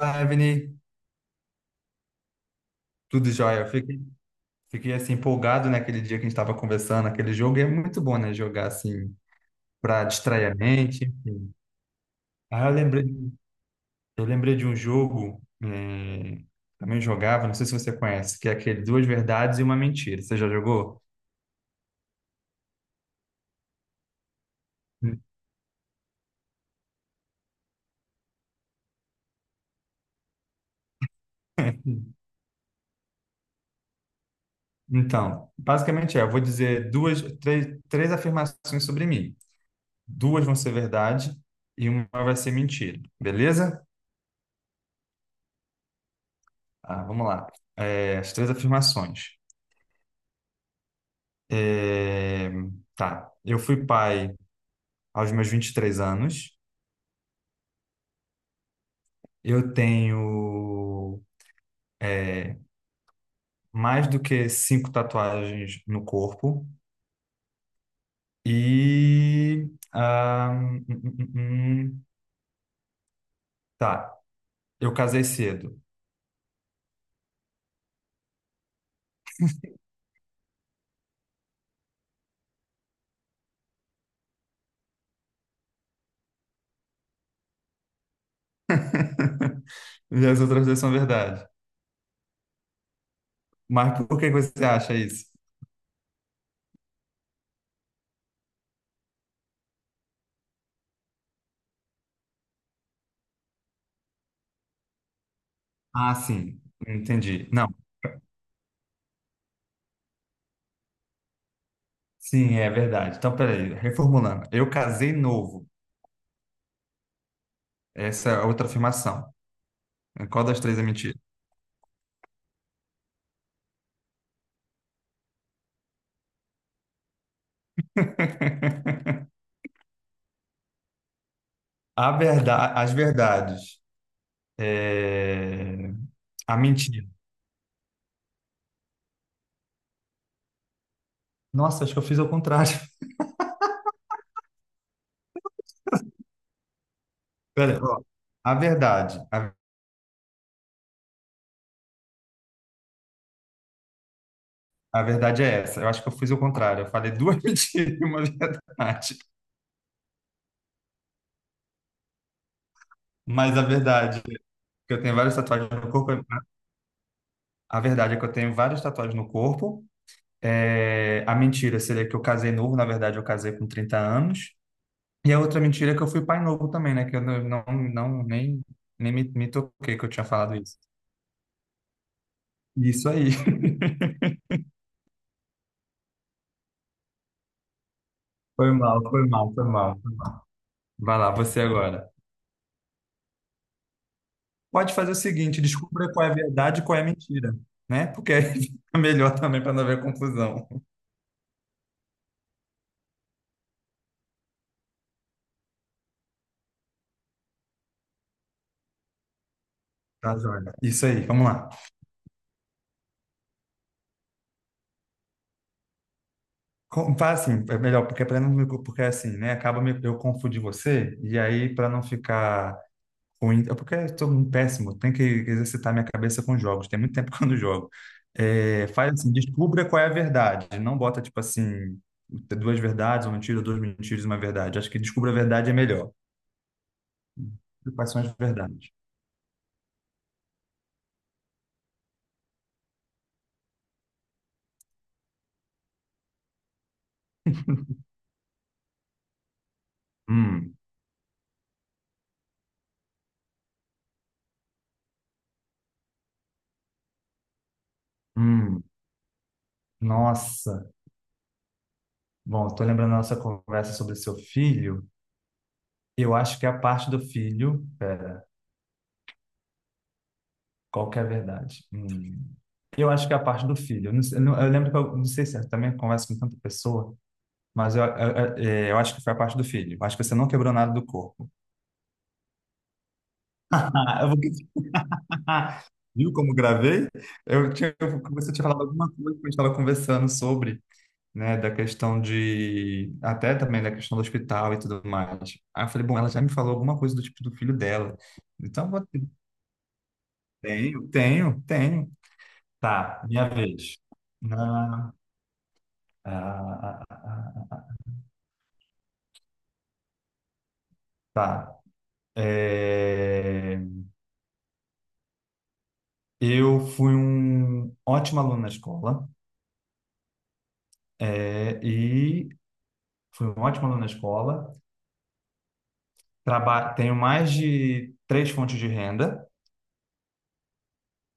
Olá, Evelyn, tudo jóia. Fiquei assim empolgado naquele dia que a gente estava conversando, aquele jogo, e é muito bom, né, jogar assim para distrair a mente, enfim. Ah, eu lembrei, eu lembrei de um jogo, também jogava, não sei se você conhece, que é aquele Duas Verdades e uma Mentira. Você já jogou? Então, basicamente é, eu vou dizer três afirmações sobre mim. Duas vão ser verdade e uma vai ser mentira, beleza? Ah, vamos lá. É, as três afirmações. É, Tá, eu fui pai aos meus 23 anos. Eu tenho mais do que 5 tatuagens no corpo. E. ah, hum, hum, hum, hum, hum. Tá, eu casei cedo. E as outras duas são verdade. Mas por que você acha isso? Ah, sim, entendi. Não, sim, é verdade. Então, peraí, reformulando. Eu casei novo. Essa é a outra afirmação. Qual das três é mentira? A verdade, as verdades. É, A mentira. Nossa, acho que eu fiz ao contrário. Pera, ó, a verdade. A, a verdade é essa. Eu acho que eu fiz ao contrário. Eu falei duas mentiras e uma verdade. Mas a verdade é que eu tenho várias tatuagens no corpo. A verdade é que eu tenho várias tatuagens no corpo. É, a mentira seria que eu casei novo. Na verdade, eu casei com 30 anos. E a outra mentira é que eu fui pai novo também, né? Que eu não, não, não- nem, nem me, me toquei que eu tinha falado isso. Isso aí. Foi mal, foi mal, foi mal, foi mal. Vai lá, você agora. Pode fazer o seguinte, descubra qual é a verdade e qual é a mentira, né? Porque aí fica melhor também para não haver confusão. Tá, joia. Isso aí, vamos lá. Faz assim, é melhor, porque para não me- porque assim, né? Eu confundir você e aí para não ficar ruim, é porque eu tô um péssimo, tenho que exercitar minha cabeça com jogos. Tem muito tempo que eu não jogo. É, faz assim, descubra qual é a verdade. Não bota tipo assim, duas verdades, uma mentira, duas mentiras, e uma verdade. Acho que descubra a verdade é melhor. Quais são as verdades? Hum, hum, nossa. Bom, estou lembrando da nossa conversa sobre seu filho. Eu acho que a parte do filho. Pera, qual que é a verdade? Hum. Eu acho que é a parte do filho. Eu lembro que eu não sei se eu também converso com tanta pessoa, mas eu acho que foi a parte do filho. Eu acho que você não quebrou nada do corpo. Eu vou- Viu como gravei? Você tinha falado alguma coisa que a gente estava conversando sobre, né, da questão de, até também da questão do hospital e tudo mais. Aí eu falei, bom, ela já me falou alguma coisa do tipo do filho dela. Então, tenho, tenho, tenho. Tá, minha vez. Na, ah, ah, ah, ah, ah. tá. É, eu fui um ótimo aluno na escola, é, e fui um ótimo aluno na escola. Tenho mais de 3 fontes de renda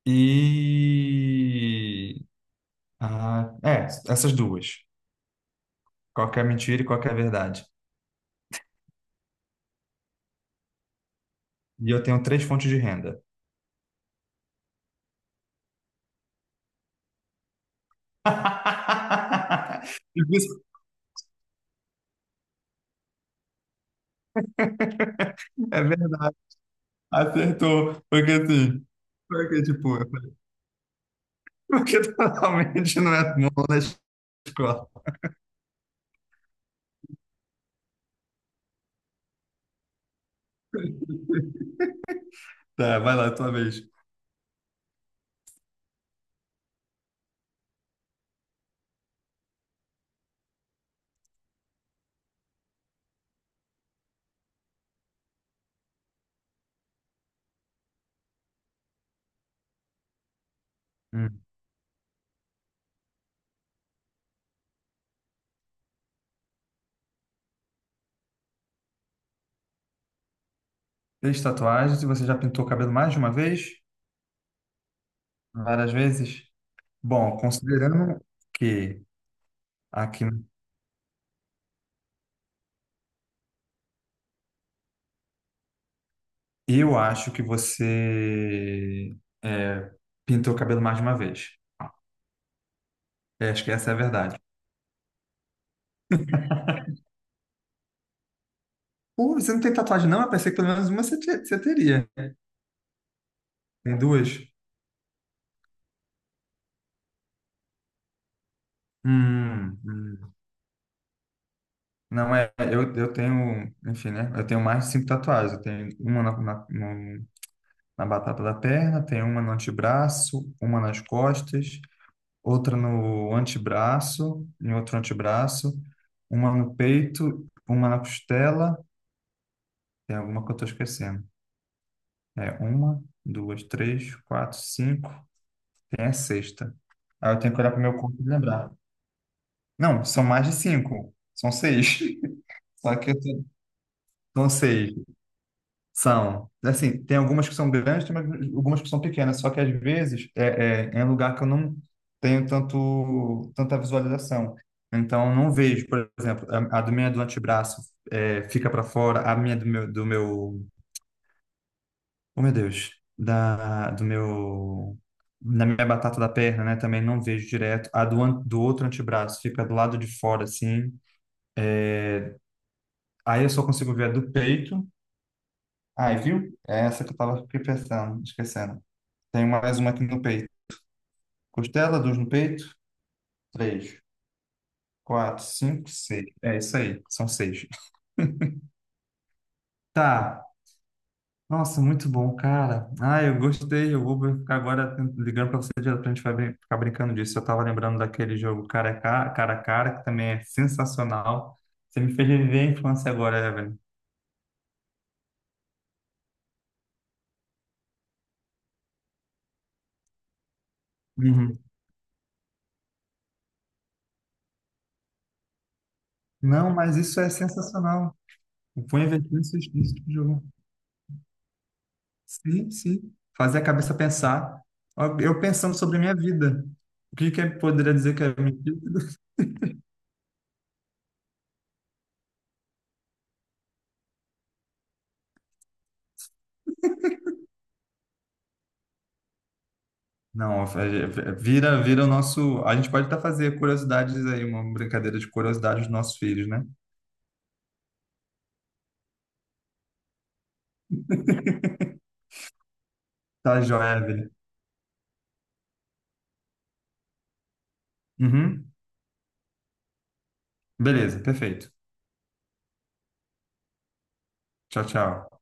e Ah, é, essas duas. Qualquer mentira e qualquer verdade. E eu tenho 3 fontes de renda. E por isso é verdade. Acertou. Porque assim, porque tipo, eu falei, porque totalmente não é bom na escola. Tá, vai lá, tua vez. Hum. Fez tatuagens e você já pintou o cabelo mais de uma vez? Várias vezes? Bom, considerando que aqui eu acho que você é, pintou o cabelo mais de uma vez. É, acho que essa é a verdade. Pô, você não tem tatuagem, não? Eu pensei que pelo menos uma você teria. Tem duas? Hum, hum. Não é. Eu tenho, enfim, né? Eu tenho mais de 5 tatuagens. Eu tenho uma na, na, no- na batata da perna, tenho uma no antebraço, uma nas costas, outra no antebraço, em outro antebraço, uma no peito, uma na costela. Tem alguma que eu tô esquecendo. É, uma, duas, três, quatro, cinco. Tem a sexta. Aí eu tenho que olhar para o meu corpo e lembrar. Não, são mais de cinco. São 6. Só que eu tô- são seis. São. Assim, tem algumas que são grandes, algumas que são pequenas. Só que às vezes é um lugar que eu não tenho tanta visualização. Então, eu não vejo, por exemplo, a do minha do antebraço fica para fora, a minha do meu Oh, meu Deus, da, do meu, da minha batata da perna, né? Também não vejo direto. A do outro antebraço fica do lado de fora, assim. Aí eu só consigo ver a do peito. Aí, viu? É essa que eu tava aqui pensando, esquecendo. Tem mais uma aqui no peito. Costela, duas no peito. Três, quatro, cinco, seis. É isso aí, são 6. Tá, nossa, muito bom, cara. Ah, eu gostei. Eu vou ficar agora ligando para você direto pra gente ficar brincando disso. Eu tava lembrando daquele jogo cara a cara, que também é sensacional. Você me fez viver a infância agora, Evelyn. Uhum. Não, mas isso é sensacional. Eu vou investir nesse tipo de jogo. Sim, sim. Fazer a cabeça pensar. Ó, eu pensando sobre a minha vida. O que que eu poderia dizer que é mentira? Não, vira, vira o nosso. A gente pode até fazer curiosidades aí, uma brincadeira de curiosidade dos nossos filhos, né? Tá, joia, Evelyn. Uhum. Beleza, perfeito. Tchau, tchau.